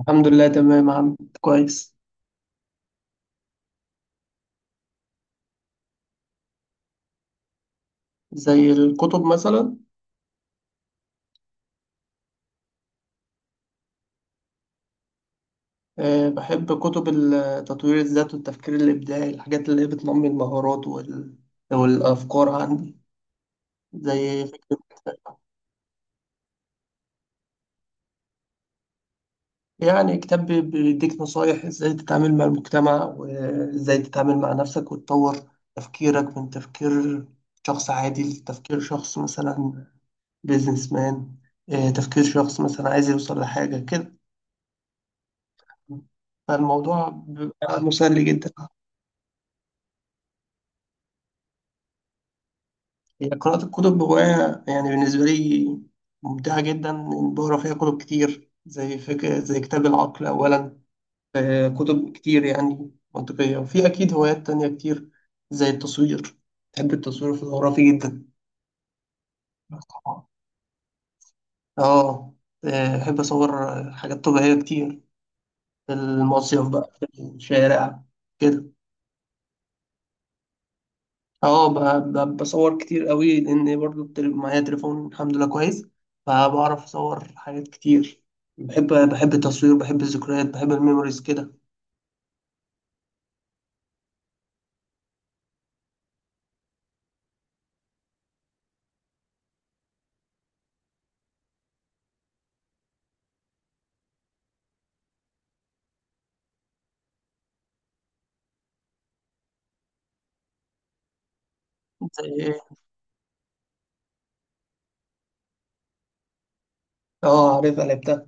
الحمد لله تمام عم كويس. زي الكتب مثلا. أه، بحب كتب تطوير الذات والتفكير الإبداعي، الحاجات اللي هي بتنمي المهارات والأفكار عندي زي فكرة. يعني كتاب بيديك نصايح إزاي تتعامل مع المجتمع وإزاي تتعامل مع نفسك وتطور تفكيرك من تفكير شخص عادي لتفكير شخص مثلا بيزنس مان. تفكير شخص مثلا عايز يوصل لحاجة كده، فالموضوع بيبقى مسلي جدا. هي قراءة الكتب هواية يعني بالنسبة لي ممتعة جدا، إن بقرا فيها كتب كتير زي فكرة، زي كتاب العقل أولا. كتب كتير يعني منطقية، وفي أكيد هوايات تانية كتير زي التصوير. بحب التصوير الفوتوغرافي جدا. طبعا. آه. بحب أصور حاجات طبيعية كتير في المصيف بقى في الشارع كده. اه، بصور كتير قوي، لان برضو معايا تليفون الحمد لله كويس، فبعرف اصور حاجات كتير. بحب التصوير، بحب الذكريات، بحب الميموريز كده. زي ايه؟ اه، عارفها لعبتها.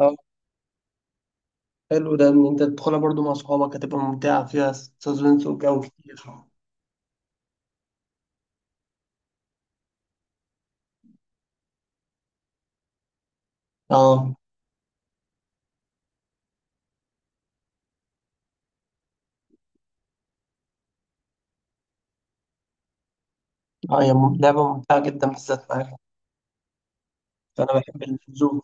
اه، حلو ده ان انت تدخلها برضو مع صحابك، هتبقى ممتعة فيها سسبنس وجو كتير. اه. اه، هي لعبة ممتعة جدا بالذات معاك. فانا بحب الزوم.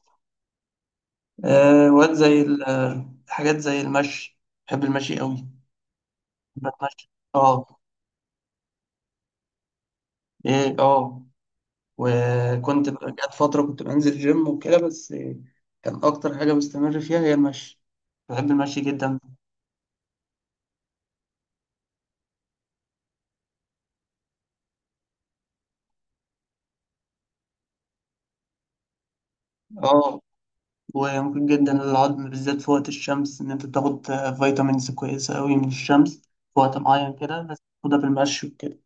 وقت زي حاجات زي المشي. بحب المشي قوي. بتمشى. اه. ايه. اه. وكنت جت فترة كنت بنزل جيم وكده، بس كان أكتر حاجة بستمر فيها هي المشي. بحب المشي جدا. اه، وممكن جدا للعظم بالذات في وقت الشمس إن أنت تاخد فيتامينز كويسة أوي من الشمس في وقت معين كده، بس تاخدها بالمشي وكده،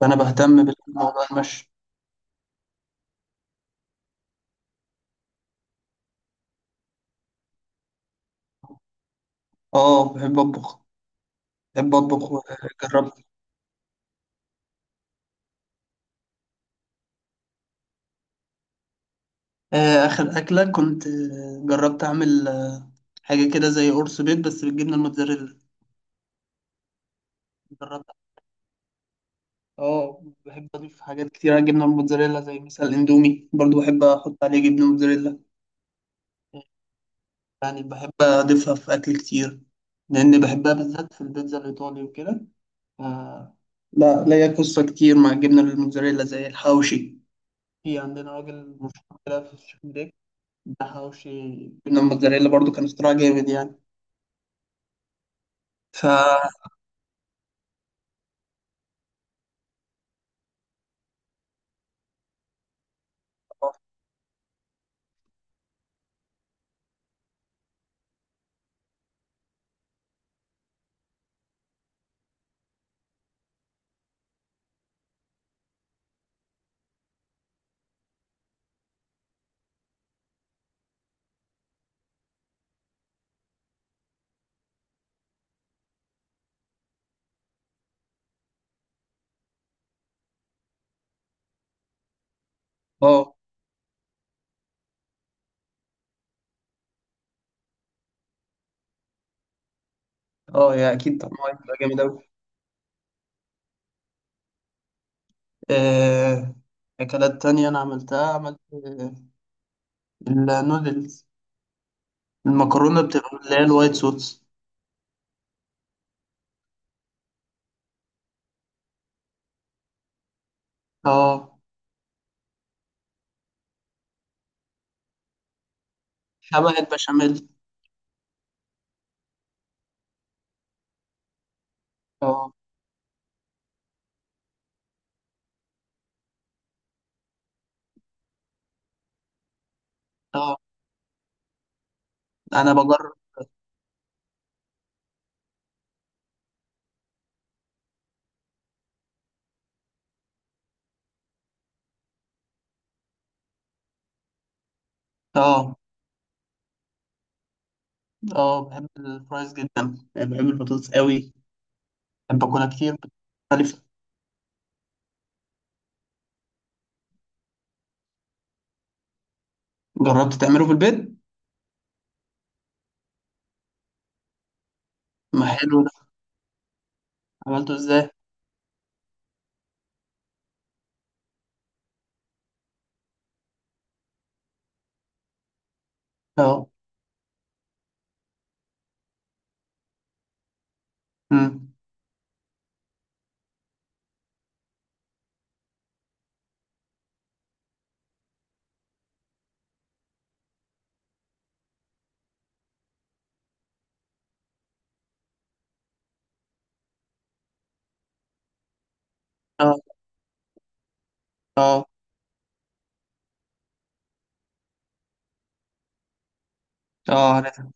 فأنا بهتم بالموضوع المشي. اه، بحب أطبخ. بحب أطبخ وجربت. آخر أكلة كنت جربت أعمل حاجة كده زي قرص بيض بس بالجبنة الموتزاريلا. جربت. اه، بحب اضيف حاجات كتير على الجبنه الموتزاريلا، زي مثلا الاندومي برضو بحب احط عليه جبنه موتزاريلا. يعني بحب اضيفها في اكل كتير، لان بحبها بالذات في البيتزا الايطالي وكده. ف- لا، ليا قصه كتير مع الجبنه الموتزاريلا زي الحواوشي. في عندنا راجل مشهور كده في الشيخ بريك. ده حواوشي جبنه موتزاريلا برضو، كان اختراع جامد يعني. ف اه اه. يا اكيد طبعا هيبقى جامد اوي. آه، اكلات تانية انا عملتها. عملت النودلز، المكرونة بتبقى اللي هي الوايت صوص. اه، شبه البشاميل. اه. اه، انا بجرب. اه. اه، بحب الفرايز جدا، يعني بحب البطاطس قوي، بحب اكلها كتير مختلفة. جربت تعمله في البيت؟ ما حلو ده. عملته ازاي؟ اه. أمم. اه. اه. اه، عارفها.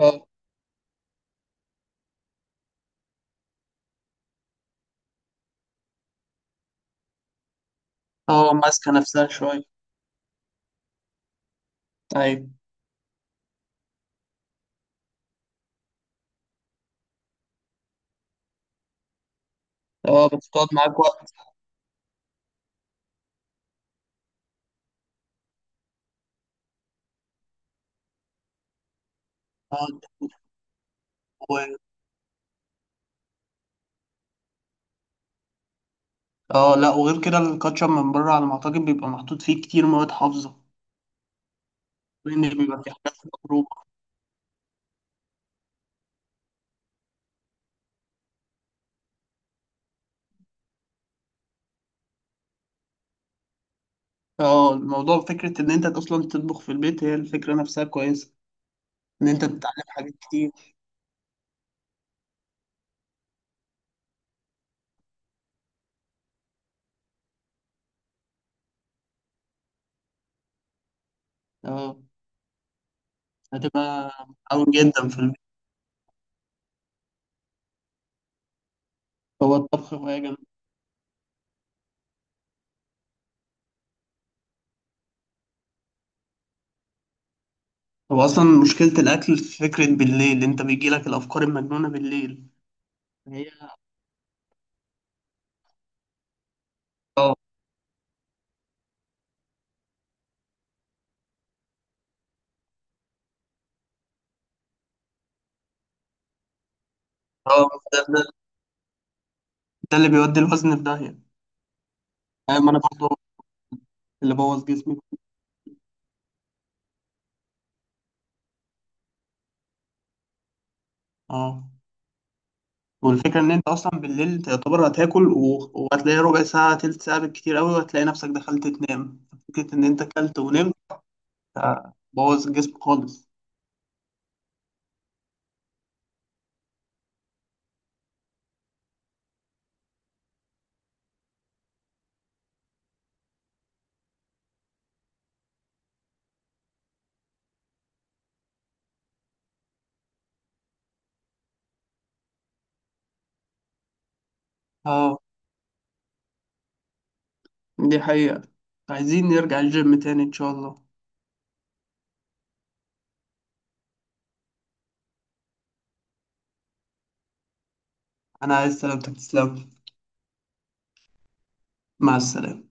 اه. اه، ماسكة نفسها شوية. طيب. اه، بتقعد معاك وقت. اه. و- اه، لا وغير كده الكاتشب من بره على ما اعتقد بيبقى محطوط فيه كتير مواد حافظة، لان بيبقى في حاجات مضروبه. اه، الموضوع فكره ان انت اصلا تطبخ في البيت، هي الفكره نفسها كويسه، ان انت بتتعلم حاجات كتير. اه. هتبقى متعاون جدا في البيت. هو الطبخ هوايه جامده. هو اصلا مشكله الاكل في فكره بالليل، انت بيجي لك الافكار المجنونه بالليل. هي. اه. اه، ده اللي بيودي الوزن في داهيه. ما انا برضه اللي بوظ جسمي. اه، والفكرة إن أنت أصلا بالليل تعتبر هتاكل وهتلاقي ربع ساعة تلت ساعة بالكتير أوي، وهتلاقي نفسك دخلت تنام، فكرة إن أنت أكلت ونمت. بوظ الجسم خالص. اه، دي حقيقة. عايزين نرجع الجيم تاني إن شاء الله. أنا عايز سلامتك تسلم. مع السلامة.